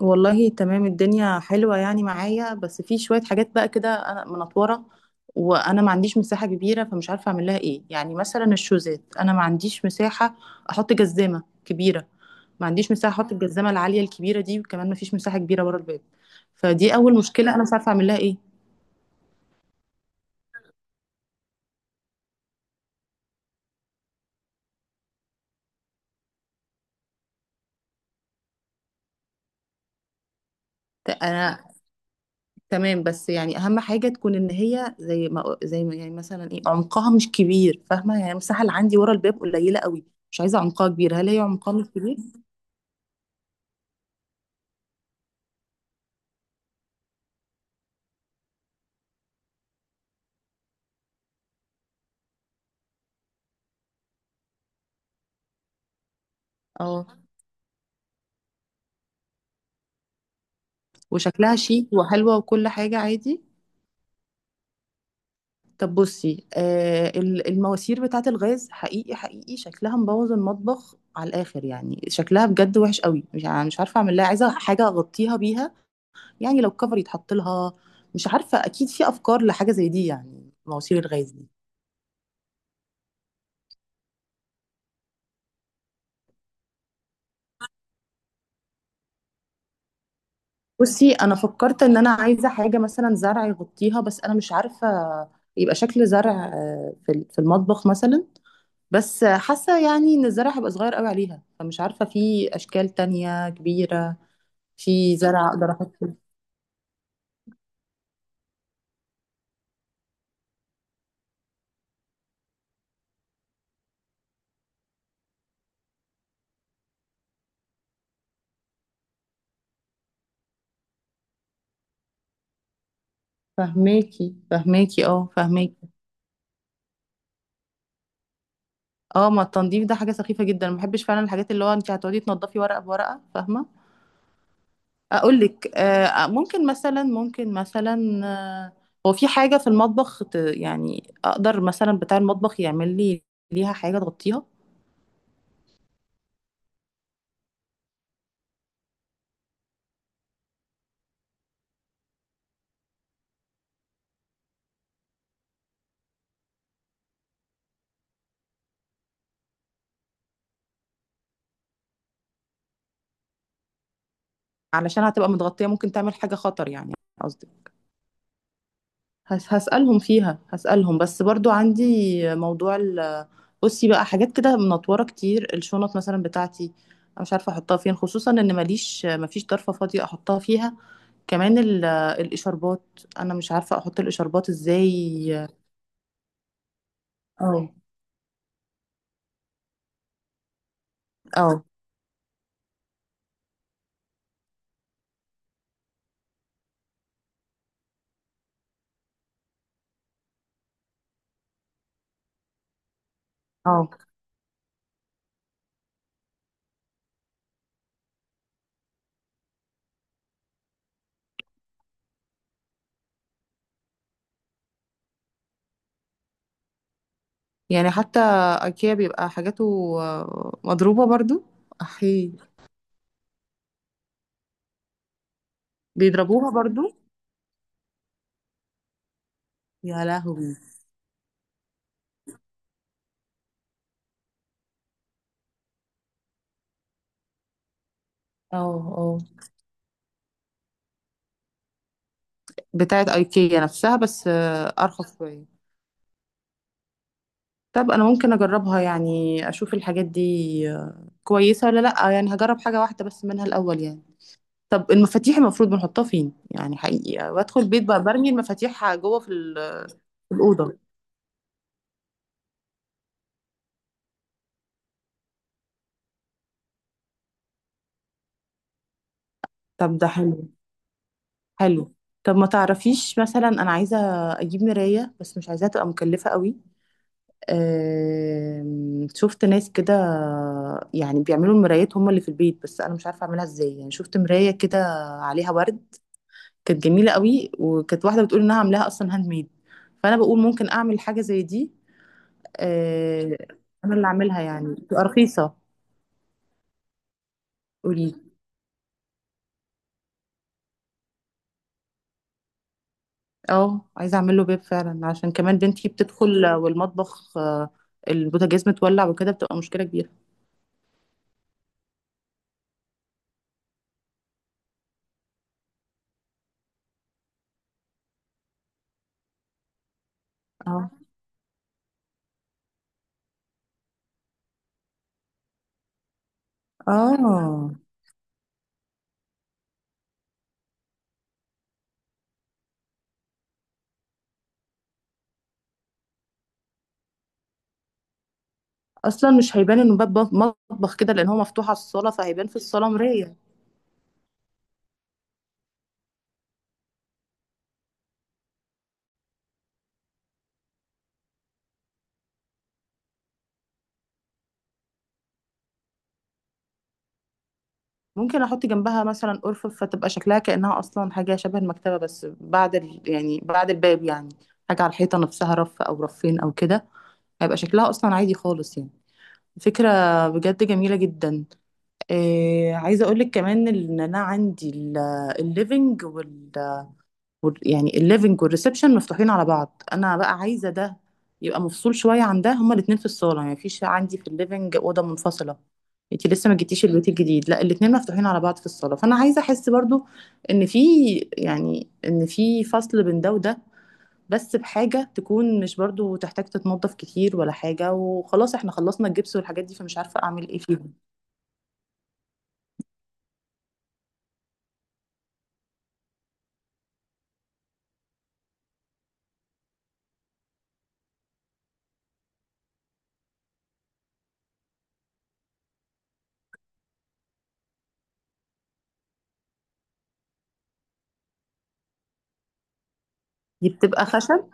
والله تمام. الدنيا حلوة يعني معايا، بس في شوية حاجات بقى كده أنا منطورة، وأنا ما عنديش مساحة كبيرة، فمش عارفة أعمل لها إيه. يعني مثلا الشوزات، أنا ما عنديش مساحة أحط جزامة كبيرة، ما عنديش مساحة أحط الجزامة العالية الكبيرة دي، وكمان ما فيش مساحة كبيرة ورا الباب. فدي أول مشكلة أنا مش عارفة أعمل لها إيه. أنا تمام. بس يعني أهم حاجة تكون إن هي زي ما يعني مثلا إيه، عمقها مش كبير. فاهمة؟ يعني المساحة اللي عندي ورا الباب قليلة قوي، مش عايزة عمقها كبير. هل هي عمقها مش كبير؟ اه، وشكلها شيك وحلوة وكل حاجة عادي. طب بصي، المواسير بتاعة الغاز حقيقي حقيقي شكلها مبوظ المطبخ على الآخر، يعني شكلها بجد وحش قوي. مش يعني مش عارفة أعمل لها، عايزة حاجة أغطيها بيها. يعني لو كفر يتحط لها. مش عارفة، أكيد في أفكار لحاجة زي دي يعني، مواسير الغاز دي. بصي، أنا فكرت إن أنا عايزة حاجة مثلا زرع يغطيها، بس أنا مش عارفة. يبقى شكل زرع، في المطبخ مثلا. بس حاسة يعني ان الزرع هيبقى صغير قوي عليها، فمش عارفة في اشكال تانية كبيرة في زرع اقدر احط فيه. فهماكي، فهماكي، اه، فهماكي. اه، ما التنظيف ده حاجة سخيفة جدا، ما بحبش فعلا الحاجات اللي هو انت هتقعدي تنضفي ورقة بورقة، فاهمة. اقول لك، ممكن مثلا، آه هو في حاجة في المطبخ، يعني اقدر مثلا بتاع المطبخ يعمل لي ليها حاجة تغطيها. علشان هتبقى متغطية ممكن تعمل حاجة خطر يعني. هسألهم فيها، هسألهم. بس برضو عندي موضوع بصي. بقى حاجات كده منطورة كتير، الشنط مثلا بتاعتي، أنا مش عارفة أحطها فين، خصوصا إن ماليش، مفيش ضرفة فاضية أحطها فيها. كمان الإشاربات، أنا مش عارفة أحط الإشاربات إزاي. اه، اه، اه. يعني حتى ايكيا بيبقى حاجاته مضروبة برضو. احي. بيضربوها برضو. يا لهوي. اه، اه. بتاعت ايكيا نفسها بس ارخص شوية. طب انا ممكن اجربها يعني، اشوف الحاجات دي كويسه ولا لا. يعني هجرب حاجه واحده بس منها الاول يعني. طب المفاتيح المفروض بنحطها فين يعني؟ حقيقي بدخل البيت بقى برمي المفاتيح جوه في في الاوضه. طب ده حلو، حلو. طب ما تعرفيش مثلا، انا عايزه اجيب مرايه، بس مش عايزاها تبقى مكلفه قوي. شفت ناس كده يعني بيعملوا المرايات هم اللي في البيت، بس انا مش عارفه اعملها ازاي. يعني شفت مرايه كده عليها ورد، كانت جميله قوي، وكانت واحده بتقول انها عاملاها اصلا هاند ميد. فانا بقول ممكن اعمل حاجه زي دي. آه، انا اللي اعملها يعني تبقى رخيصه. قولي. اه، عايزه اعمل له باب فعلا، عشان كمان بنتي بتدخل، والمطبخ، البوتاجاز متولع وكده بتبقى مشكله كبيره. اه، اه، اصلا مش هيبان انه باب مطبخ كده، لان هو مفتوح على الصاله، فهيبان في الصاله مرايه. ممكن احط جنبها مثلا ارفف، فتبقى شكلها كانها اصلا حاجه شبه المكتبه، بس بعد يعني بعد الباب يعني. حاجه على الحيطه نفسها، رف او رفين او كده، هيبقى شكلها اصلا عادي خالص يعني. فكره بجد جميله جدا. عايزه اقول لك كمان ان انا عندي الليفنج يعني الليفنج والريسبشن مفتوحين على بعض. انا بقى عايزه ده يبقى مفصول شويه عن ده، هما الاثنين في الصاله، يعني مفيش عندي في الليفنج اوضه منفصله. انتي لسه ما جيتيش البيت الجديد، لا، الاثنين مفتوحين على بعض في الصاله. فانا عايزه احس برضو ان في، يعني ان في فصل بين ده وده، بس بحاجه تكون مش برضو تحتاج تتنظف كتير ولا حاجه، وخلاص احنا خلصنا الجبس والحاجات دي، فمش عارفه اعمل ايه فيهم. دي بتبقى خشب؟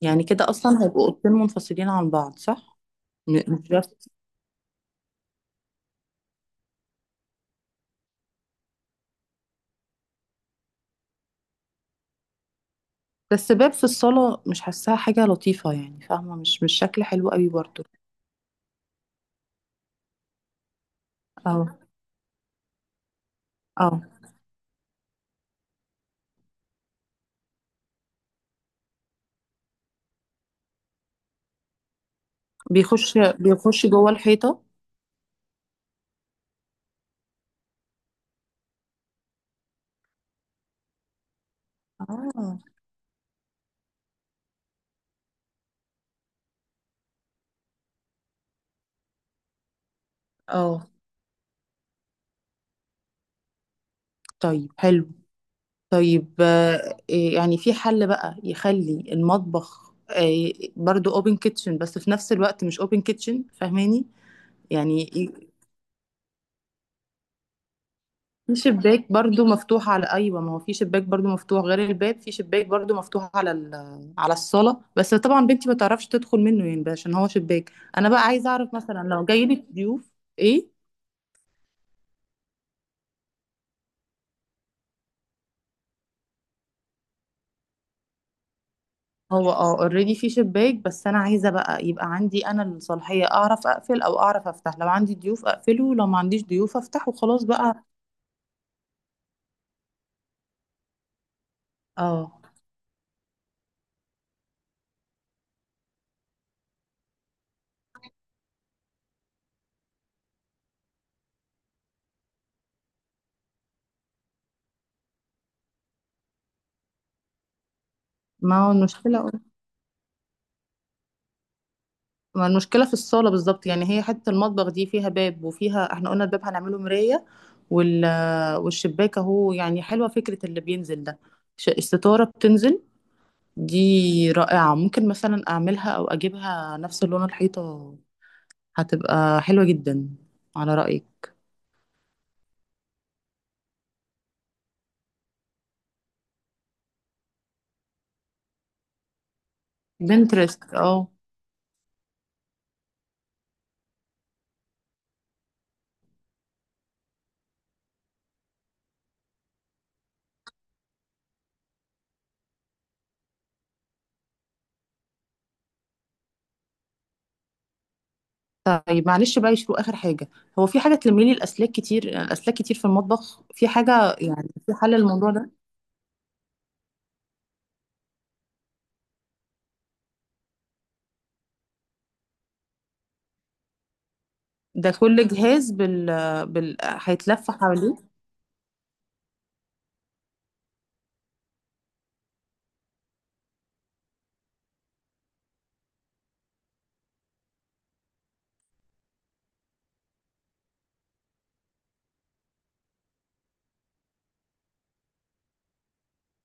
يعني كده اصلا هيبقوا اوضتين منفصلين عن بعض، صح؟ مش بس، بس باب في الصالة مش حاساها حاجة لطيفة يعني، فاهمة، مش شكل حلو قوي برضو. اه، اه، بيخش، بيخش جوه الحيطة. اه، اه، طيب حلو. طيب، إيه يعني، في حل بقى يخلي المطبخ برضو اوبن كيتشن بس في نفس الوقت مش اوبن كيتشن، فاهماني؟ يعني في شباك برضو مفتوح على، ايوه، ما هو في شباك برضو مفتوح غير الباب، في شباك برضو مفتوح على... ال... على الصاله، بس طبعا بنتي ما تعرفش تدخل منه يعني بقى عشان هو شباك. انا بقى عايزه اعرف مثلا لو جاي لك ضيوف. ايه؟ هو، اه، اوريدي في شباك، بس انا عايزه بقى يبقى عندي انا الصلاحيه اعرف اقفل او اعرف افتح، لو عندي ضيوف اقفله، لو ما عنديش ضيوف افتحه خلاص بقى. اه. ما هو المشكله، ما المشكله في الصاله بالظبط، يعني هي حته المطبخ دي فيها باب، وفيها احنا قلنا الباب هنعمله مرايه، وال والشباك اهو. يعني حلوة فكرة اللي بينزل ده، الستارة بتنزل، دي رائعة. ممكن مثلا أعملها أو أجيبها نفس لون الحيطة، هتبقى حلوة جدا على رأيك. بنترست، اه. طيب معلش بقى يشوفوا آخر حاجة، هو في حاجة تلمي لي الأسلاك؟ كتير الأسلاك كتير في المطبخ، في حاجة يعني، في حل الموضوع ده؟ ده كل جهاز بال هيتلف حواليه؟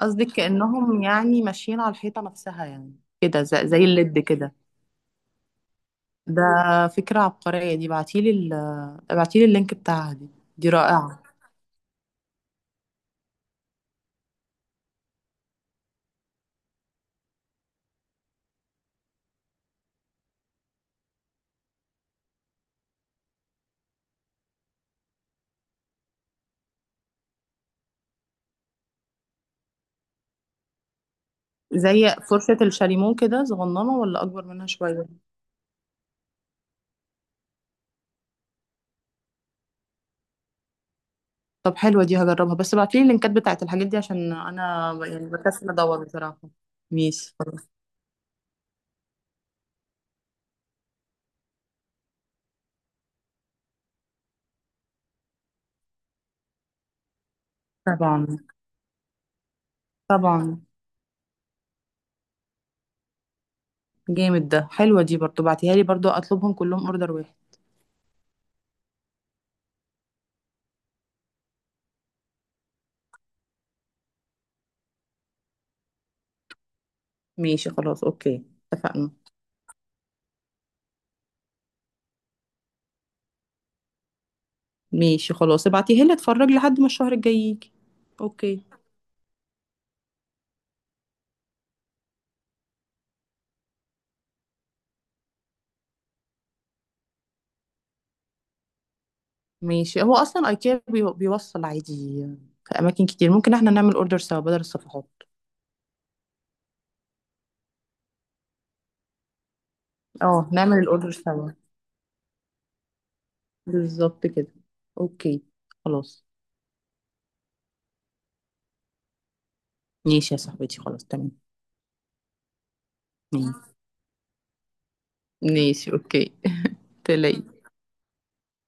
قصدك كأنهم يعني ماشيين على الحيطة نفسها يعني؟ كده زي الليد كده؟ ده فكرة عبقرية دي. ابعتيلي اللينك بتاعها دي، دي رائعة. زي فرشة الشاليمو كده صغننة، ولا أكبر منها شوية؟ طب حلوة دي، هجربها. بس ابعتيلي اللينكات بتاعت الحاجات دي عشان أنا يعني بكسل أدور بصراحة. ماشي خلاص. طبعا. طبعا. جامد ده، حلوة دي برضو، بعتيها لي برضو، أطلبهم كلهم أوردر واحد. ماشي خلاص. أوكي، اتفقنا. ماشي خلاص، ابعتيها لي، اتفرج لحد ما الشهر الجاي يجي. أوكي. ماشي. هو اصلا ايكيا بيوصل عادي في اماكن كتير، ممكن احنا نعمل اوردر سوا بدل الصفحات. اه، نعمل الاوردر سوا، بالظبط كده. اوكي. خلاص ماشي يا صاحبتي، خلاص تمام. ماشي. ماشي، اوكي. تلاقي